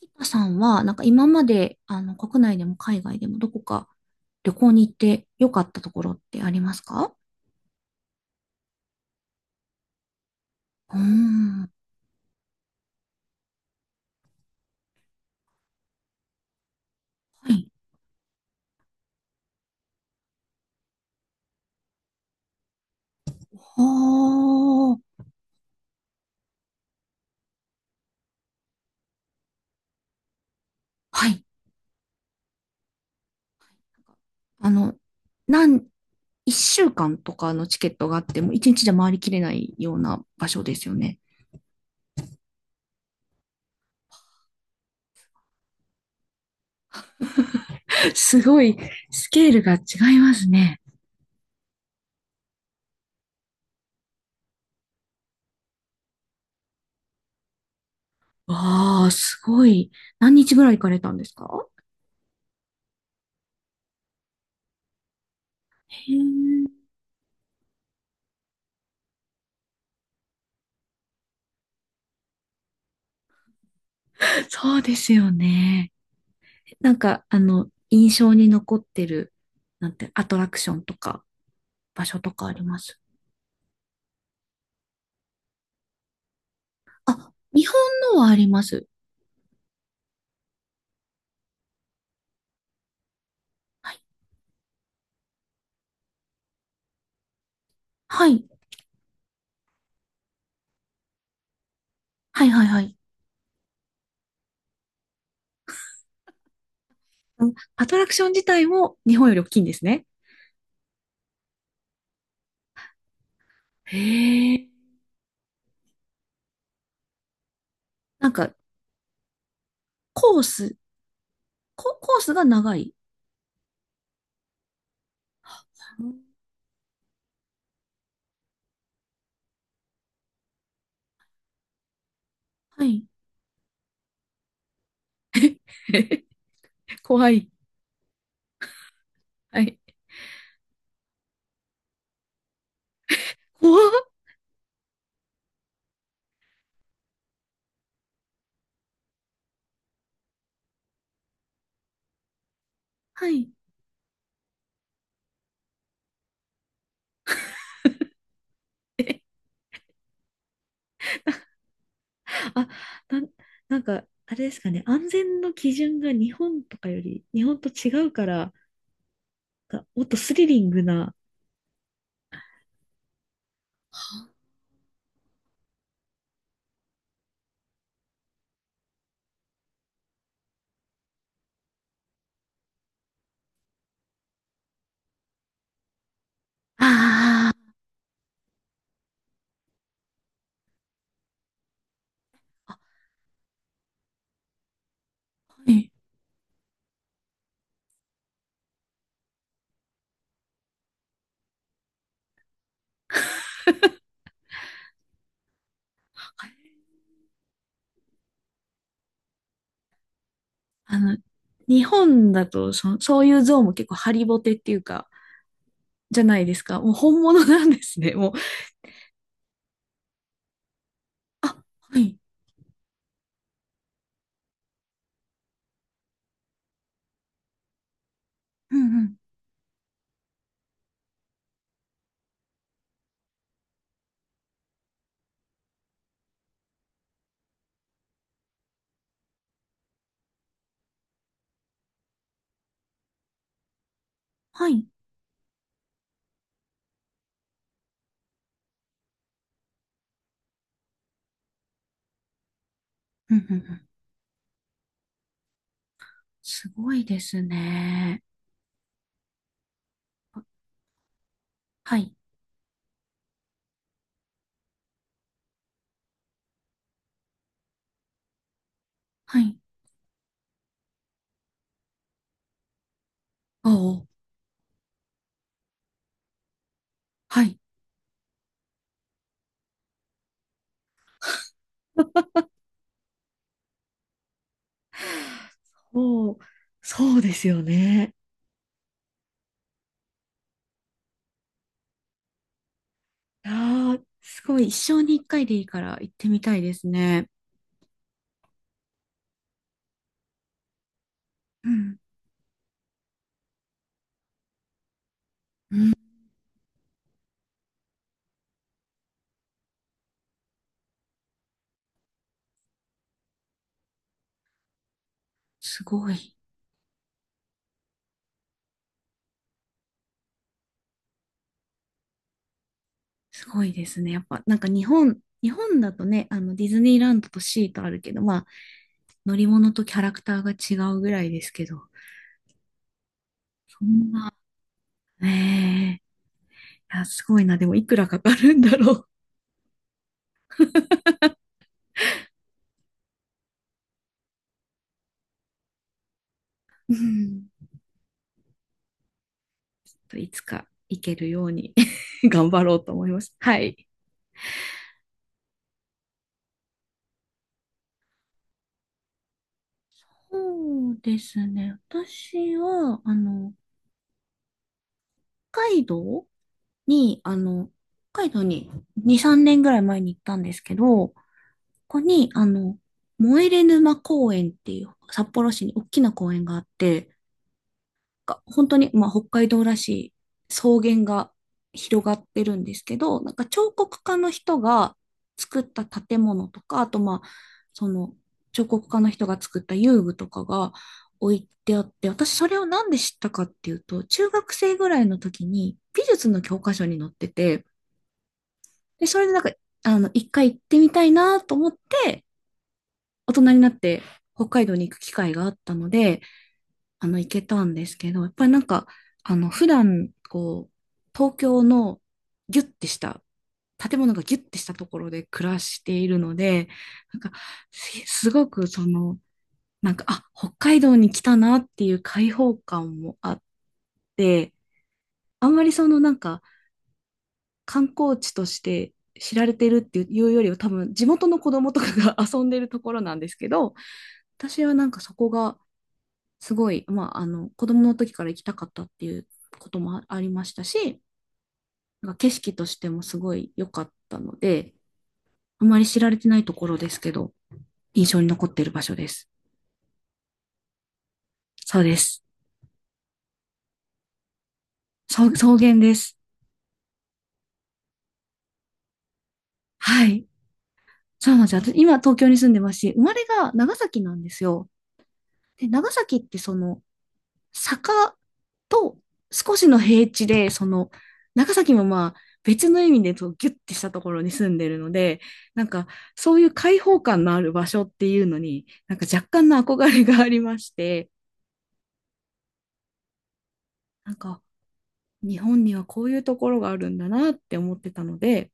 沖田さんは、なんか今まで、国内でも海外でもどこか旅行に行って良かったところってありますか？うーん。はい。はーはい。あの、なん、一週間とかのチケットがあっても、一日じゃ回りきれないような場所ですよね。わあ、すごい。何日ぐらい行かれたんですか？へえ、そうですよね。なんか、印象に残ってる、なんて、アトラクションとか。場所とかあります？あ、日本のはあります。はい。はい。はいはいはい。うん。アトラクション自体も日本より大きいんですね。へえ。なんか、コース、コースが長い。うん。はい。怖い。はい。怖っ。はい。あなん、なんか、あれですかね。安全の基準が日本とかより、日本と違うから、がもっとスリリングな、ああ。はい。はい。あの、日本だとそういう像も結構ハリボテっていうか、じゃないですか。もう本物なんですね。もう、あ、はい。うんうん。はい。うんうんうん。すごいですね。はい。はい。おう。はい。そう、そうですよね。ああ、すごい。一生に一回でいいから行ってみたいですね。うん。すごい。すごいですね。やっぱ、なんか日本だとね、ディズニーランドとシーとあるけど、まあ、乗り物とキャラクターが違うぐらいですけど、そんな、ねえ、いや、すごいな。でも、いくらかかるんだろう。うん。いつか行けるように 頑張ろうと思います。はい。そうですね。私は、北海道に、あの、北海道に2、3年ぐらい前に行ったんですけど、こに、あの、燃え沼公園っていう札幌市に大きな公園があって、が本当に、まあ、北海道らしい草原が広がってるんですけど、なんか彫刻家の人が作った建物とか、あとまあ、その彫刻家の人が作った遊具とかが置いてあって、私それをなんで知ったかっていうと、中学生ぐらいの時に美術の教科書に載ってて、で、それでなんか、一回行ってみたいなと思って、大人になって北海道に行く機会があったので、行けたんですけど、やっぱりなんか、普段、こう、東京のギュッてした、建物がギュッてしたところで暮らしているので、なんか、すごくその、なんか、北海道に来たなっていう開放感もあって、あんまりそのなんか、観光地として知られてるっていうよりは多分地元の子供とかが 遊んでるところなんですけど、私はなんかそこがすごい、まあ、子供の時から行きたかったっていうこともありましたし、なんか景色としてもすごい良かったので、あまり知られてないところですけど、印象に残っている場所です。そうです。草原です。はい。そうなんですよ。私今東京に住んでますし、生まれが長崎なんですよ。で、長崎って坂と少しの平地で、長崎もまあ、別の意味でとギュッてしたところに住んでるので、なんかそういう開放感のある場所っていうのに、なんか若干の憧れがありまして、なんか日本にはこういうところがあるんだなって思ってたので、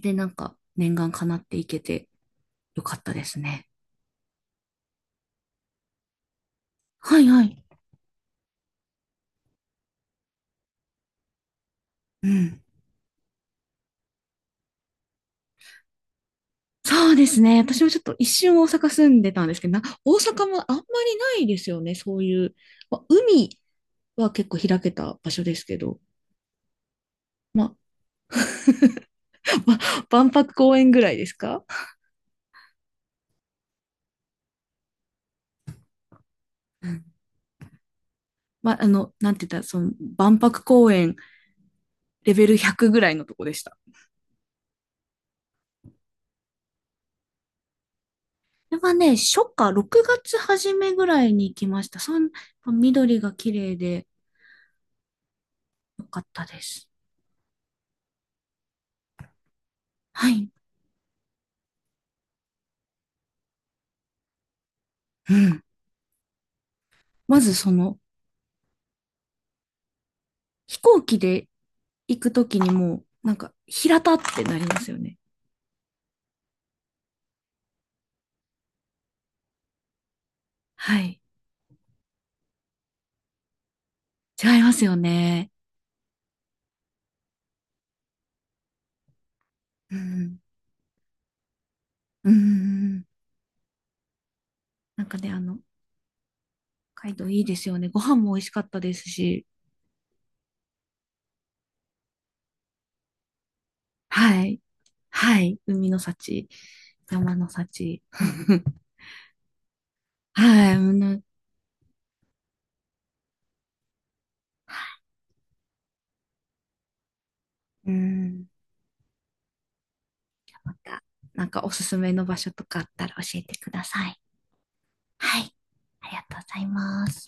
で、なんか念願叶っていけてよかったですね。はいはい。うん。そうですね。私もちょっと一瞬大阪住んでたんですけど、大阪もあんまりないですよね。そういう、まあ、海は結構開けた場所ですけど、まあ、万博公園ぐらいですか？うん。まあ、なんて言ったら、万博公園レベル100ぐらいのとこでした。これはね、初夏、6月初めぐらいに行きました。緑が綺麗でよかったです。はい。うん。まず飛行機で行くときにもう、なんか、平たってなりますよね。はい。違いますよね。うん。うん。なんかね、北海道いいですよね。ご飯も美味しかったですし。はい。はい。海の幸、山の幸。はい。うん。うん。また、なんかおすすめの場所とかあったら教えてください。はい。ありがとうございます。